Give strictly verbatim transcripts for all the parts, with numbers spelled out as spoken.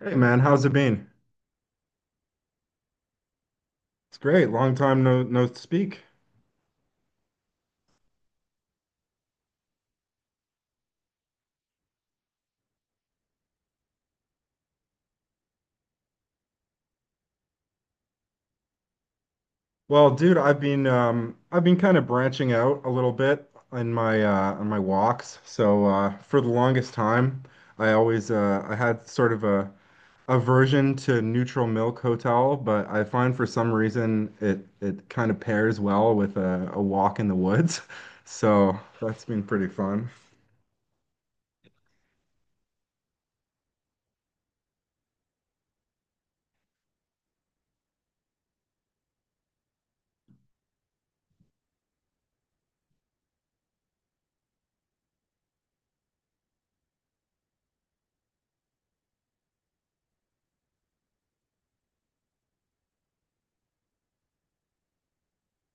Hey man, how's it been? It's great. Long time no no speak. Well, dude, I've been um I've been kind of branching out a little bit in my uh on my walks. So uh for the longest time, I always uh I had sort of a aversion to Neutral Milk Hotel, but I find for some reason it it kind of pairs well with a, a walk in the woods. So that's been pretty fun.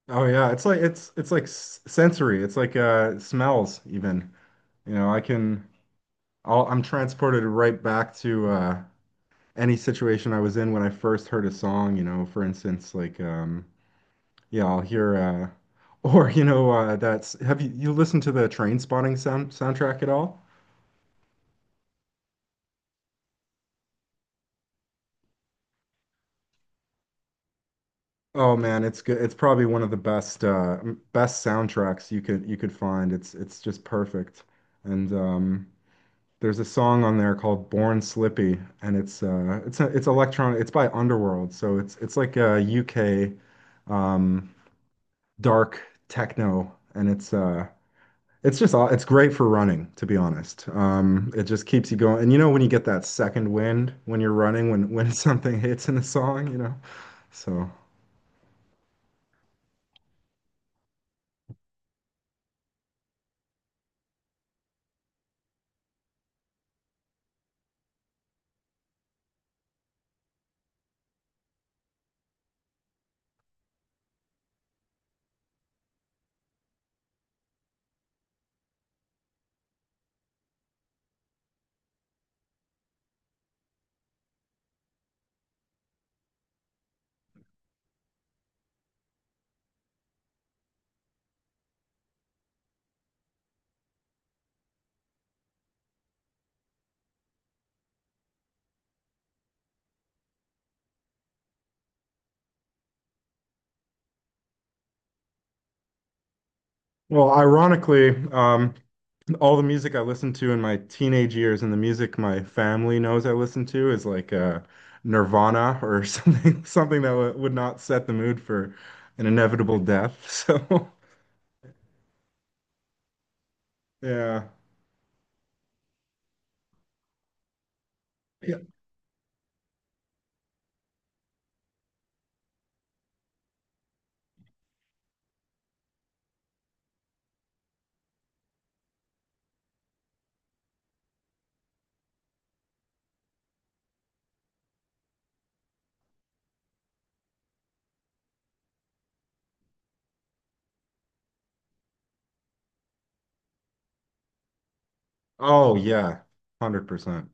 Oh yeah, it's like it's it's like s sensory. It's like uh smells even. You know, I can I'll, I'm transported right back to uh, any situation I was in when I first heard a song. You know, for instance, like um, yeah, I'll hear uh, or you know uh, that's have you you listened to the Train Spotting sound soundtrack at all? Oh man, it's good. It's probably one of the best uh, m- best soundtracks you could you could find. It's it's just perfect. And um, there's a song on there called "Born Slippy," and it's uh, it's it's electronic. It's by Underworld, so it's it's like a U K. um dark techno, and it's uh it's just aw- it's great for running, to be honest. Um it just keeps you going, and you know when you get that second wind when you're running when when something hits in a song, you know. So, well, ironically, um all the music I listened to in my teenage years and the music my family knows I listen to is like uh Nirvana or something something that w would not set the mood for an inevitable death so. Yeah, yeah. Oh yeah. one hundred percent.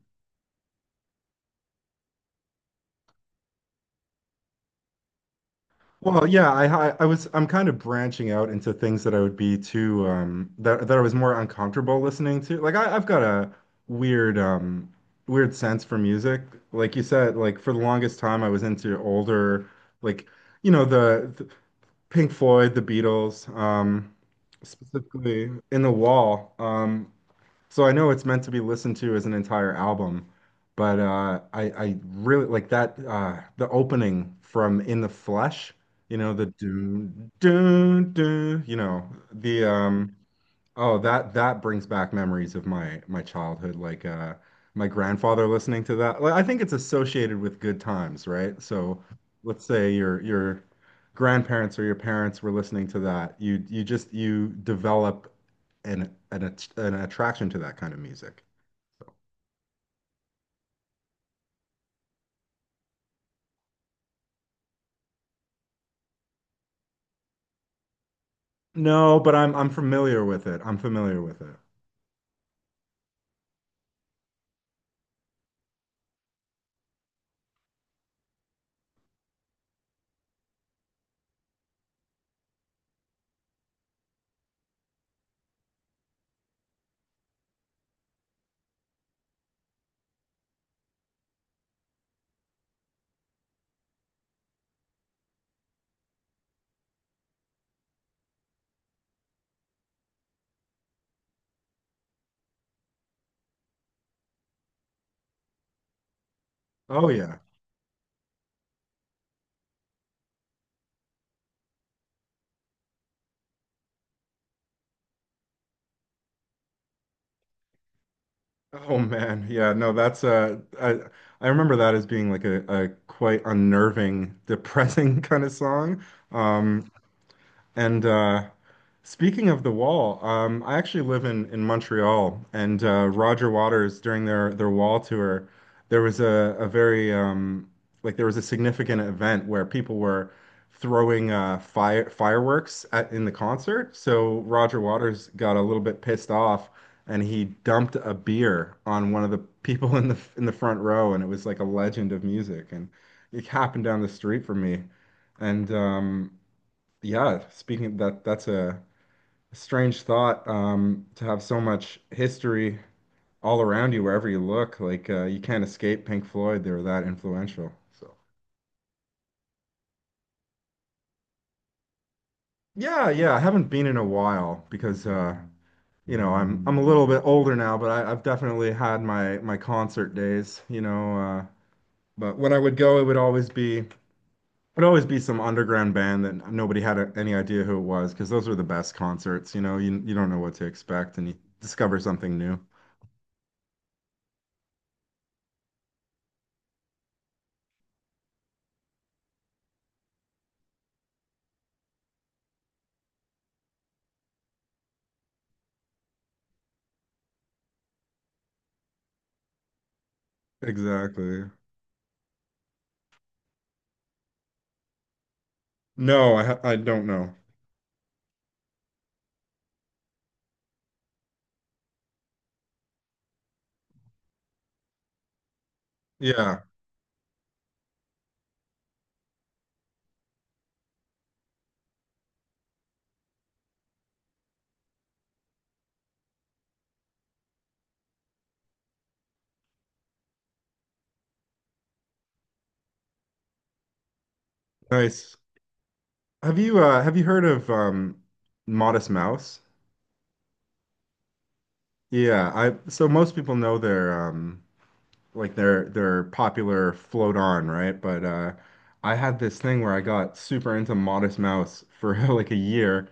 Well, yeah, I, I I was I'm kind of branching out into things that I would be too um that that I was more uncomfortable listening to. Like I, I've got a weird um weird sense for music. Like you said, like for the longest time I was into older, like you know the, the Pink Floyd, the Beatles, um specifically In the Wall. Um so I know it's meant to be listened to as an entire album, but uh, I I really like that uh, the opening from In the Flesh, you know the do do do, you know the, um oh, that that brings back memories of my my childhood. Like uh my grandfather listening to that. Like I think it's associated with good times, right? So let's say your your grandparents or your parents were listening to that. You you just you develop an an att- an attraction to that kind of music. No, but I'm I'm familiar with it. I'm familiar with it. Oh yeah. Oh man, yeah, no, that's uh, I I remember that as being like a, a quite unnerving, depressing kind of song. Um, and uh, speaking of the wall, um, I actually live in, in Montreal, and uh, Roger Waters during their, their wall tour, there was a, a very um, like there was a significant event where people were throwing uh, fire fireworks at, in the concert. So Roger Waters got a little bit pissed off, and he dumped a beer on one of the people in the in the front row, and it was like a legend of music, and it happened down the street from me, and um, yeah, speaking of that, that's a strange thought, um, to have so much history all around you wherever you look. Like uh, you can't escape Pink Floyd. They were that influential. So yeah, yeah. I haven't been in a while because uh, you know I'm I'm a little bit older now, but I, I've definitely had my my concert days. You know, uh, but when I would go, it would always be it'd always be some underground band that nobody had a, any idea who it was because those were the best concerts. You know, you you don't know what to expect, and you discover something new. Exactly. No, I ha- I don't know. Yeah, nice. Have you uh have you heard of um Modest Mouse? Yeah, I so most people know their um like their their popular Float On, right? But uh I had this thing where I got super into Modest Mouse for like a year.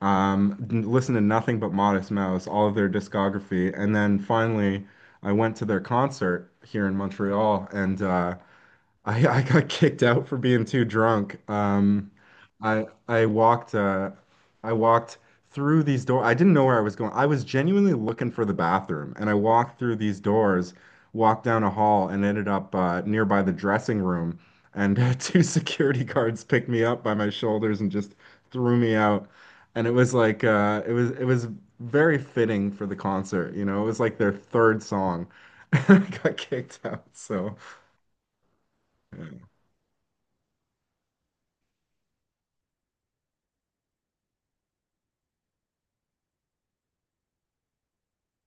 Um listened to nothing but Modest Mouse, all of their discography, and then finally I went to their concert here in Montreal, and uh I, I got kicked out for being too drunk. Um, I I walked uh, I walked through these doors. I didn't know where I was going. I was genuinely looking for the bathroom, and I walked through these doors, walked down a hall, and ended up uh, nearby the dressing room. And uh, two security guards picked me up by my shoulders and just threw me out. And it was like uh, it was it was very fitting for the concert. You know, it was like their third song. I got kicked out. So.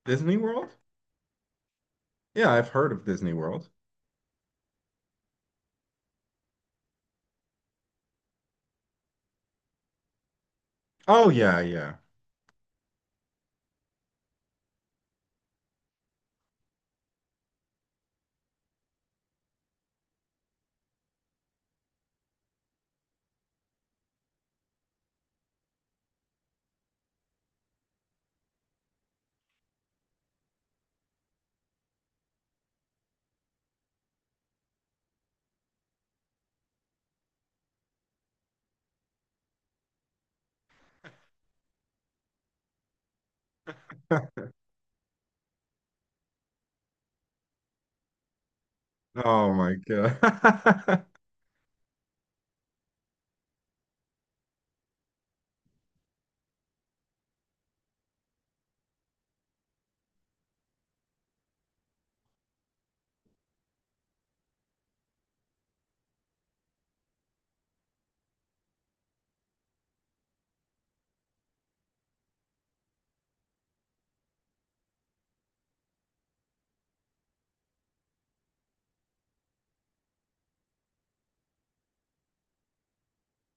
Disney World? Yeah, I've heard of Disney World. Oh yeah, yeah. Oh my God.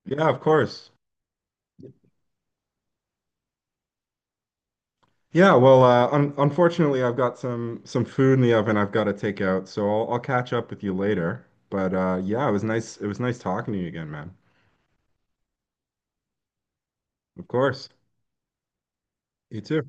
Yeah, of course. Yeah, well, uh, un unfortunately, I've got some some food in the oven I've got to take out, so I'll I'll catch up with you later. But uh, yeah, it was nice. It was nice talking to you again, man. Of course. You too.